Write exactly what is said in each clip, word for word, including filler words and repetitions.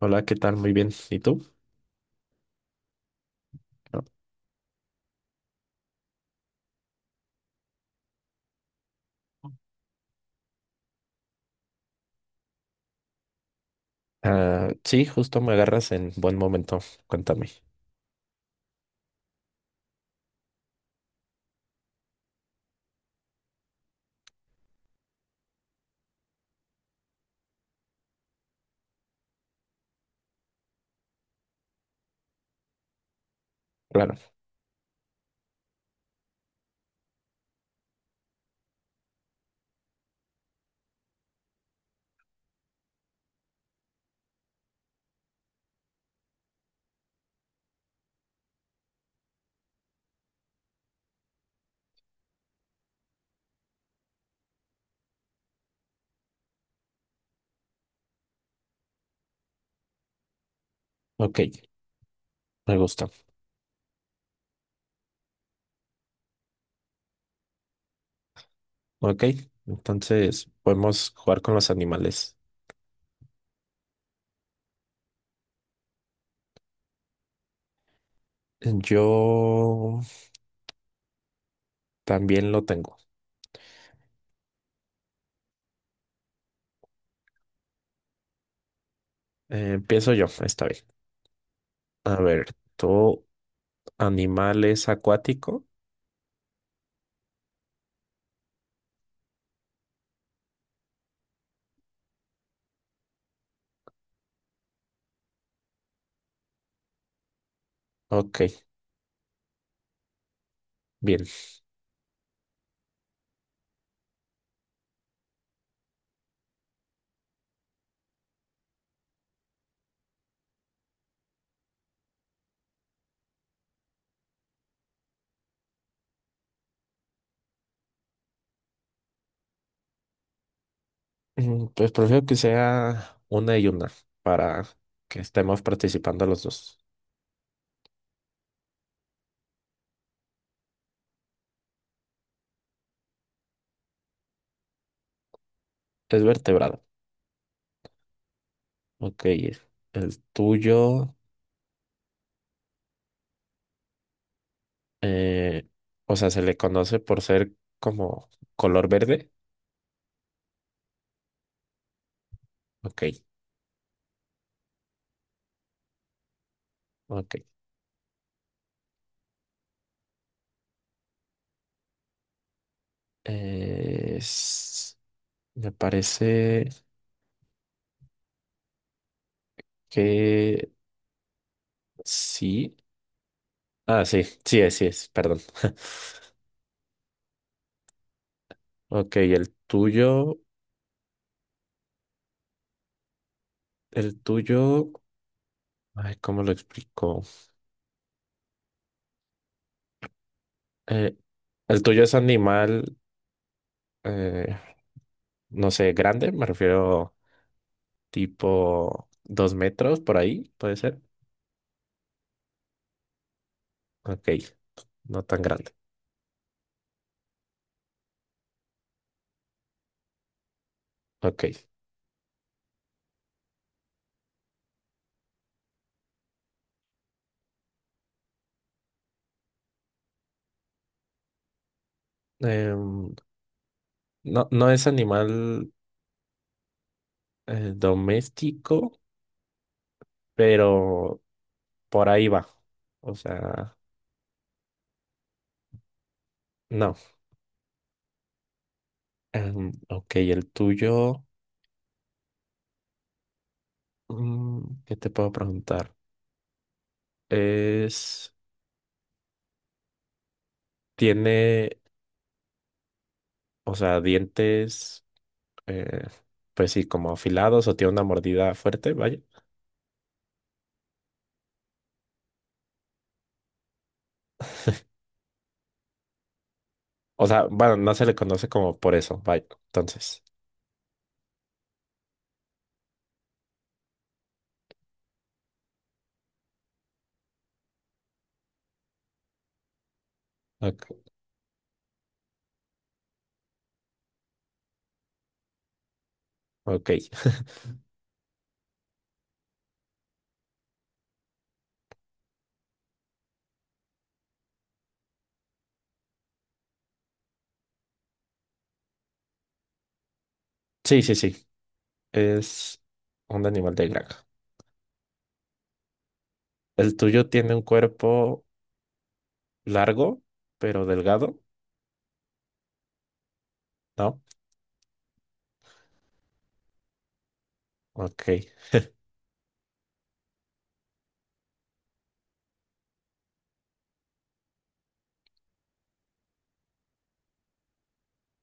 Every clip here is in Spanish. Hola, ¿qué tal? Muy bien. ¿Y tú? No. Ah, sí, justo me agarras en buen momento. Cuéntame. Claro. Ok, me gusta. Ok, entonces podemos jugar con los animales. Yo también lo tengo. Eh, empiezo yo, esta vez. A ver, ¿tu animal es acuático? Ok, bien. Mm, pues prefiero que sea una y una para que estemos participando los dos. Es vertebrado. Ok, el tuyo. Eh, o sea, se le conoce por ser como color verde. Ok, ok. Eh, s- me parece que sí. Ah, sí, sí es, sí es, perdón. Ok, el tuyo, el tuyo, ay, ¿cómo lo explico? Eh, el tuyo es animal, eh, no sé, grande, me refiero tipo dos metros por ahí, puede ser. Ok, no tan grande. Ok. Em, no, no es animal eh, doméstico, pero por ahí va. O sea, no. Em, ok, el tuyo, mm, ¿qué te puedo preguntar? Es, tiene, o sea, dientes, eh, pues sí, como afilados o tiene una mordida fuerte, vaya. O sea, bueno, no se le conoce como por eso, vaya. Entonces, ok. Ok. Sí, sí, sí. Es un animal de granja. El tuyo tiene un cuerpo largo, pero delgado, ¿no? Ok.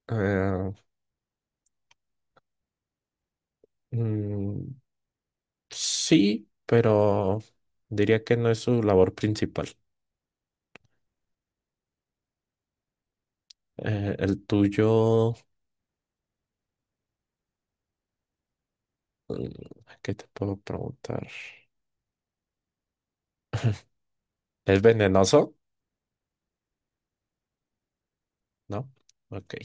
Eh, mm, sí, pero diría que no es su labor principal. Eh, el tuyo, mm, ¿qué te puedo preguntar? ¿Es venenoso? ¿No? Ok.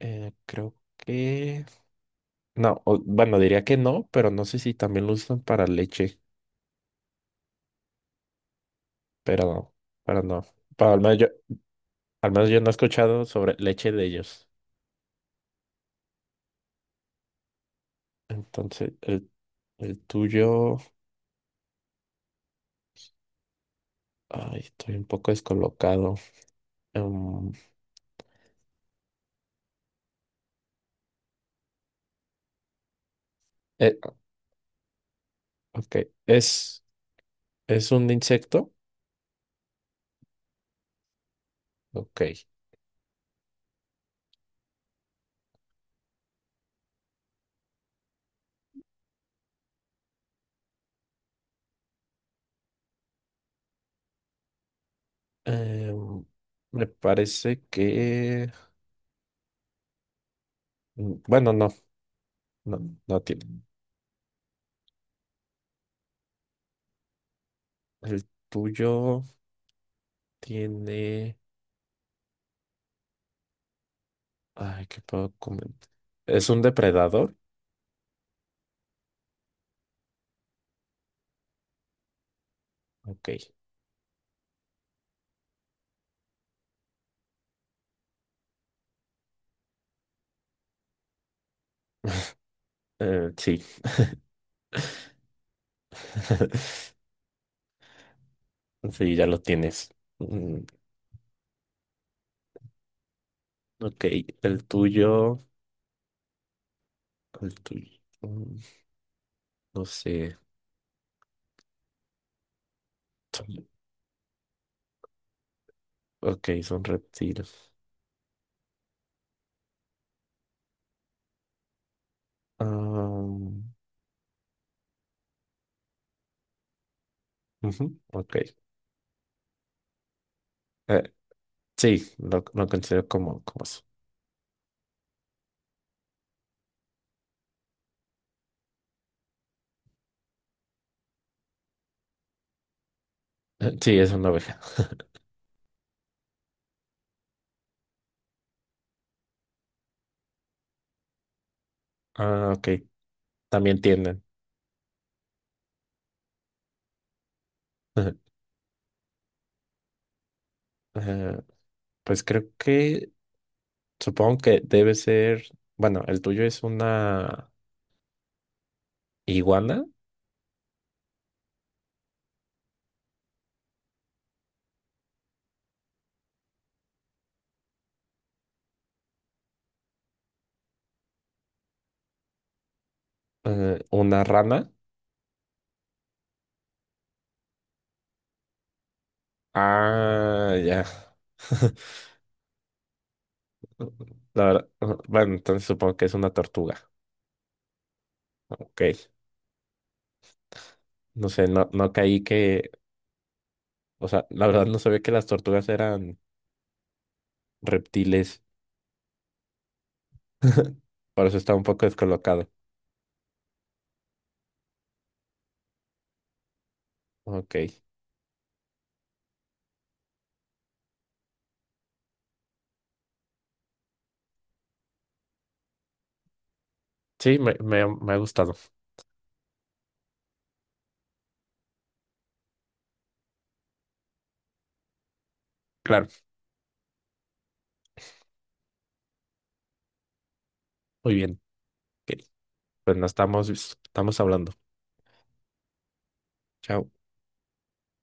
Eh, creo que... No, o- bueno, diría que no, pero no sé si también lo usan para leche, pero, pero no. Pero al menos yo, al menos yo no he escuchado sobre leche de ellos. Entonces, el, el tuyo... Ay, estoy un poco descolocado. Em, eh, ok, ¿es, ¿es un insecto? Ok. Em, me parece que... Mm, bueno, no, no, no tiene. El tuyo tiene... Ay, ¿qué puedo comentar? ¿Es un depredador? Ok. eh, sí, sí, ya lo tienes. Mm, ok, el tuyo... El tuyo. Mm, no sé. son- Ok, son reptiles. Ah, ujú, ok. Eh, sí, lo, lo considero como, como eso. Eh, sí, es una oveja. Ah, ok. También tienden. Eh, pues creo que, supongo que debe ser, bueno, el tuyo es una iguana, eh, una rana. Ah, ya. La verdad, ah, bueno, entonces supongo que es una tortuga. Ok. No sé, no, no caí que, o sea, la verdad no sabía que las tortugas eran reptiles. Por eso está un poco descolocado. Ok. Sí, me, me, me ha gustado. Claro. Muy bien. Ok. Pues nos estamos, estamos hablando. Chao.